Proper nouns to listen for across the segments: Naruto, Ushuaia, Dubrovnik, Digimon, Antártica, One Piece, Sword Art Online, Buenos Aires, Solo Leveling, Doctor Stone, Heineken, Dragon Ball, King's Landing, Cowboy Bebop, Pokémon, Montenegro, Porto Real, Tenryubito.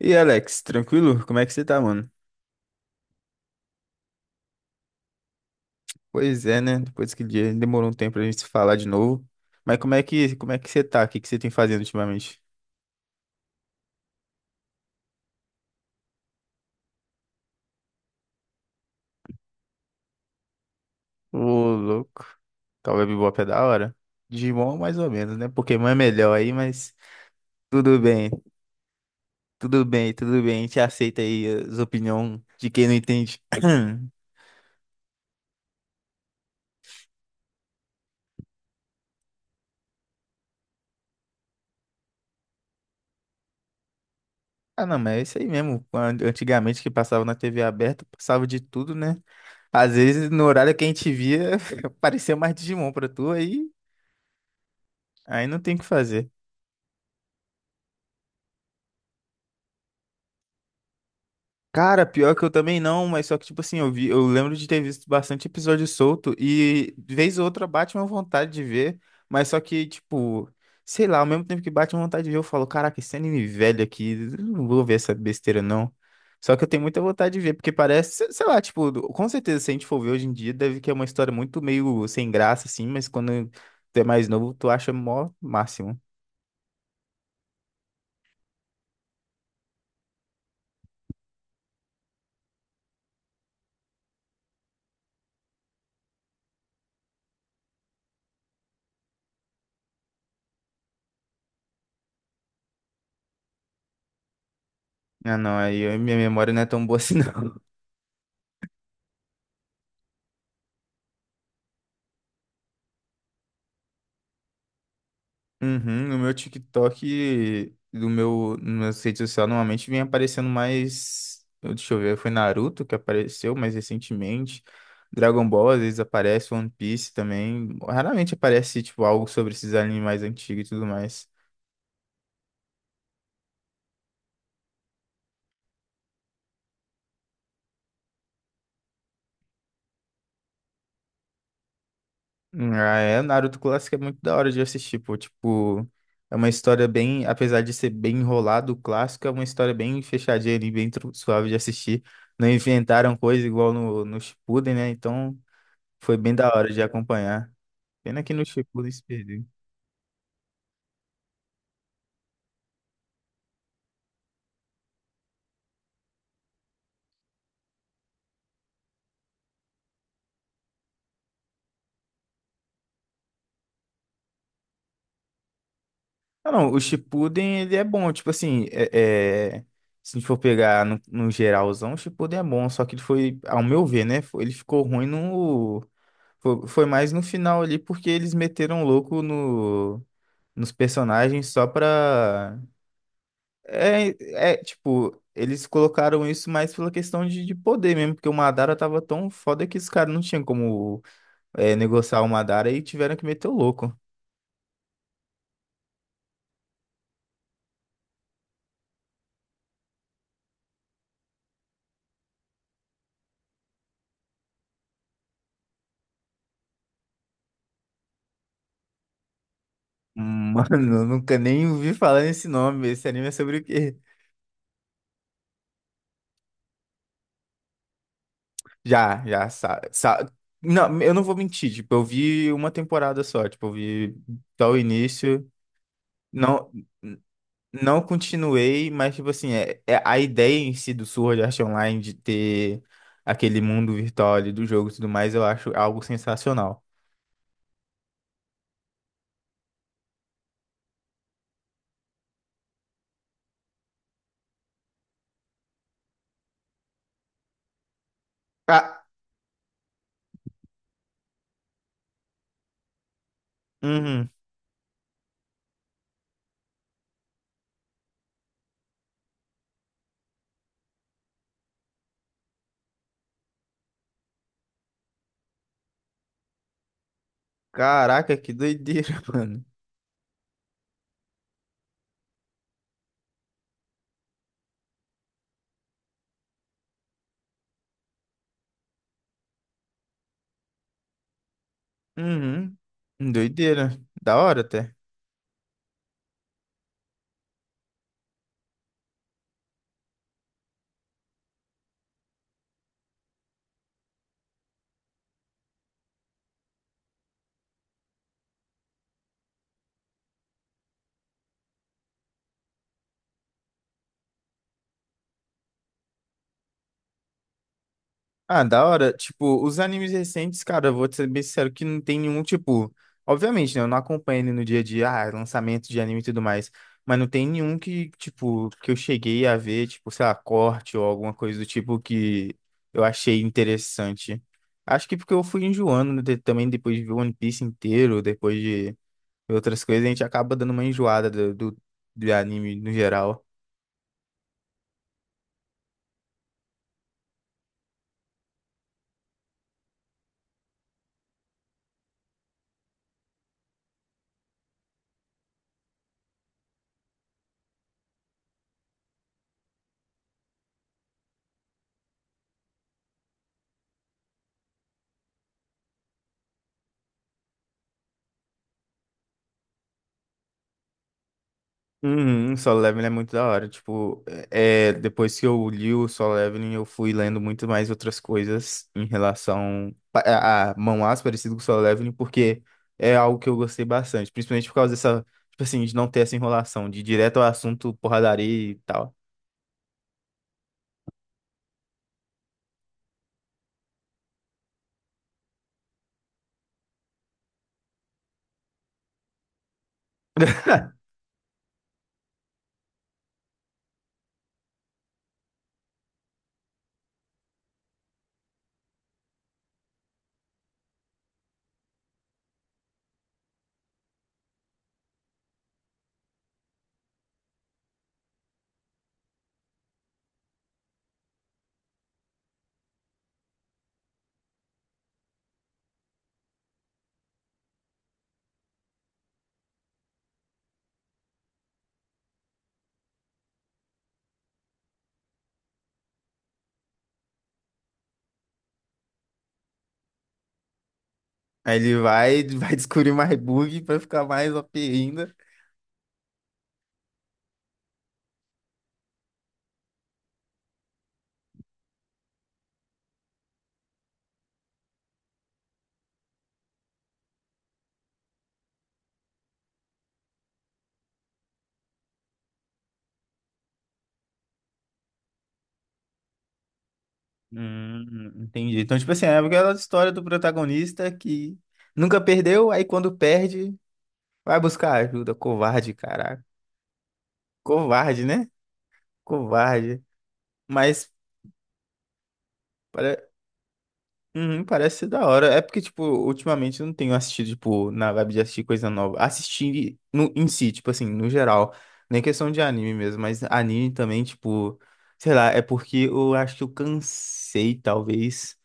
E aí, Alex, tranquilo? Como é que você tá, mano? Pois é, né? Depois que dia demorou um tempo pra gente se falar de novo. Mas como é que você tá? O que que você tem fazendo ultimamente? Ô, louco. Cowboy Bebop é da hora. Digimon mais ou menos, né? Pokémon é melhor aí, mas tudo bem. Tudo bem. A gente aceita aí as opiniões de quem não entende. Ah, não, mas é isso aí mesmo. Antigamente que passava na TV aberta, passava de tudo, né? Às vezes no horário que a gente via, aparecia mais Digimon pra tu aí. Aí não tem o que fazer. Cara, pior que eu também não, mas só que, tipo assim, eu vi, eu lembro de ter visto bastante episódio solto e vez ou outra bate uma vontade de ver, mas só que, tipo, sei lá, ao mesmo tempo que bate uma vontade de ver, eu falo, caraca, esse anime velho aqui, eu não vou ver essa besteira não. Só que eu tenho muita vontade de ver, porque parece, sei lá, tipo, com certeza se a gente for ver hoje em dia, deve que é uma história muito meio sem graça, assim, mas quando tu é mais novo, tu acha mó máximo. Ah, não, minha memória não é tão boa assim, não. Uhum, no meu TikTok, nas meu rede social, normalmente vem aparecendo mais. Deixa eu ver, foi Naruto que apareceu mais recentemente. Dragon Ball, às vezes aparece, One Piece também. Raramente aparece, tipo, algo sobre esses animes mais antigos e tudo mais. Ah, é, Naruto clássico é muito da hora de assistir, pô. Tipo, é uma história bem. Apesar de ser bem enrolado, o clássico é uma história bem fechadinha ali, suave de assistir. Não inventaram coisa igual no Shippuden, né? Então. Foi bem da hora de acompanhar. Pena que no Shippuden se perdeu. Ah, não, o Shippuden ele é bom, tipo assim, se a gente for pegar no geralzão, o Shippuden é bom, só que ele foi, ao meu ver, né, ele ficou ruim no... Foi mais no final ali, porque eles meteram louco no, nos personagens só pra... É, é, tipo, eles colocaram isso mais pela questão de poder mesmo, porque o Madara tava tão foda que os caras não tinham como negociar o Madara e tiveram que meter o louco. Mano, eu nunca nem ouvi falar nesse nome. Esse anime é sobre o quê? Já, já, sa, sa- Não, eu não vou mentir. Tipo, eu vi uma temporada só. Tipo, eu vi até o início. Não, não continuei, mas, tipo assim, é a ideia em si do Sword Art Online de ter aquele mundo virtual ali do jogo e tudo mais, eu acho algo sensacional. Ah, uhum. Caraca, que doideira, mano. Uhum. Doideira. Da hora até. Ah, da hora. Tipo, os animes recentes, cara, eu vou te ser bem sincero que não tem nenhum, tipo. Obviamente, né? Eu não acompanho ele no dia a dia, lançamento de anime e tudo mais. Mas não tem nenhum que, tipo, que eu cheguei a ver, tipo, sei lá, corte ou alguma coisa do tipo que eu achei interessante. Acho que porque eu fui enjoando né, também depois de ver One Piece inteiro, depois de ver outras coisas, a gente acaba dando uma enjoada do anime no geral. Uhum, Solo Leveling é muito da hora. Tipo, depois que eu li o Solo Leveling, eu fui lendo muito mais outras coisas em relação a Mão-As parecido com o Solo Leveling, porque é algo que eu gostei bastante, principalmente por causa dessa, tipo assim, de não ter essa enrolação, de ir direto ao assunto, porradaria e tal. Aí ele vai, vai descobrir mais bug pra ficar mais OP ainda. Entendi. Então, tipo assim, é aquela história do protagonista que nunca perdeu, aí quando perde, vai buscar ajuda, covarde, caraca. Covarde, né? Covarde. Mas pare- uhum, parece ser da hora. É porque, tipo, ultimamente eu não tenho assistido, tipo, na vibe de assistir coisa nova. Assistir no, em si, tipo assim, no geral. Nem questão de anime mesmo, mas anime também, tipo, sei lá, é porque eu acho que eu cansei, talvez.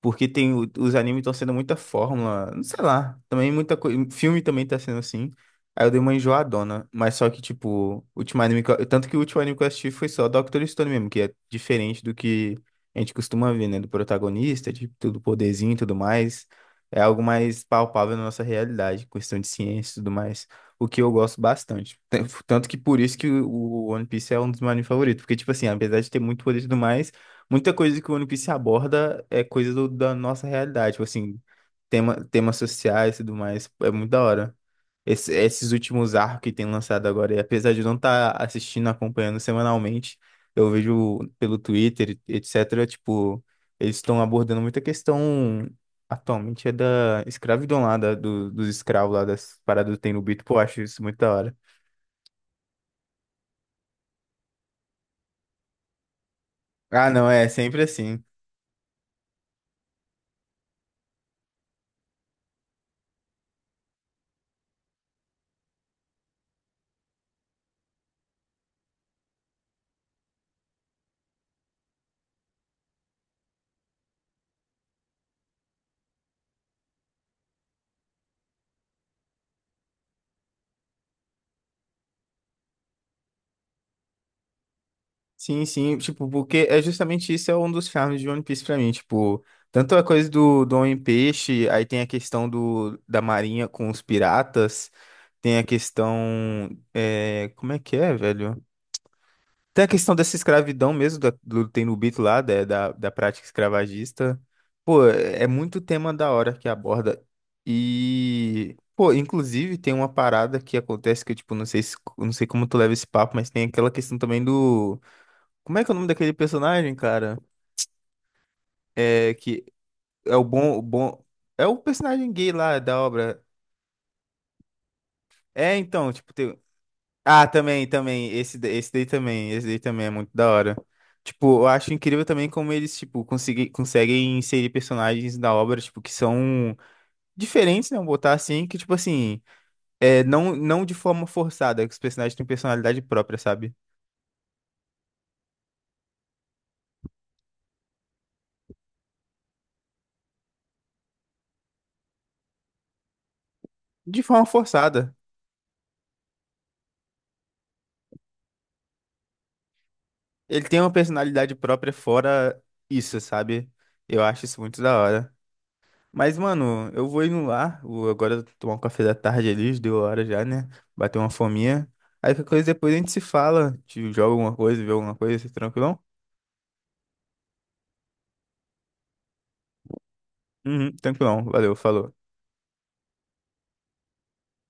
Porque tem, os animes estão sendo muita fórmula, não sei lá, também muita coisa, filme também tá sendo assim. Aí eu dei uma enjoadona, mas só que, tipo, o último anime que eu, tanto que o último anime que eu assisti foi só Doctor Stone mesmo, que é diferente do que a gente costuma ver, né? Do protagonista, de tudo poderzinho e tudo mais. É algo mais palpável na nossa realidade, questão de ciência e tudo mais. O que eu gosto bastante. Tanto que por isso que o One Piece é um dos meus animes favoritos. Porque, tipo assim, apesar de ter muito poder e tudo mais. Muita coisa que o One Piece aborda é coisa da nossa realidade, tipo assim, temas sociais e tudo mais, é muito da hora. Esses últimos arcos que tem lançado agora, e apesar de eu não estar assistindo, acompanhando semanalmente, eu vejo pelo Twitter, etc., tipo, eles estão abordando muita questão atualmente da escravidão lá, dos escravos lá, das paradas do Tenryubito, pô, eu acho isso muito da hora. Ah, não, é sempre assim. Sim, sim, tipo, porque é justamente isso é um dos charmes de One Piece pra mim, tipo, tanto a coisa do Homem-Peixe, aí tem a questão da marinha com os piratas, tem a questão, é, como é que é, velho? Tem a questão dessa escravidão mesmo, do Tenryubito lá, da prática escravagista, pô, é muito tema da hora que aborda, e, pô, inclusive tem uma parada que acontece que eu, tipo, não sei, não sei como tu leva esse papo, mas tem aquela questão também do como é que é o nome daquele personagem, cara? É que é o bom, o bom. É o personagem gay lá da obra. É, então, tipo, tem... Ah, também, também. Esse, esse daí também. Esse daí também é muito da hora. Tipo, eu acho incrível também como eles, tipo, conseguem inserir personagens da obra, tipo, que são diferentes, né? Vamos botar assim, que, tipo assim, é, não de forma forçada, que os personagens têm personalidade própria, sabe? De forma forçada. Ele tem uma personalidade própria fora isso, sabe? Eu acho isso muito da hora. Mas, mano, eu vou indo lá. Vou agora tomar um café da tarde ali, já deu hora já, né? Bater uma fominha. Aí qualquer coisa depois a gente se fala. Te joga alguma coisa, vê alguma coisa, tranquilão? Uhum, tranquilão. Valeu, falou.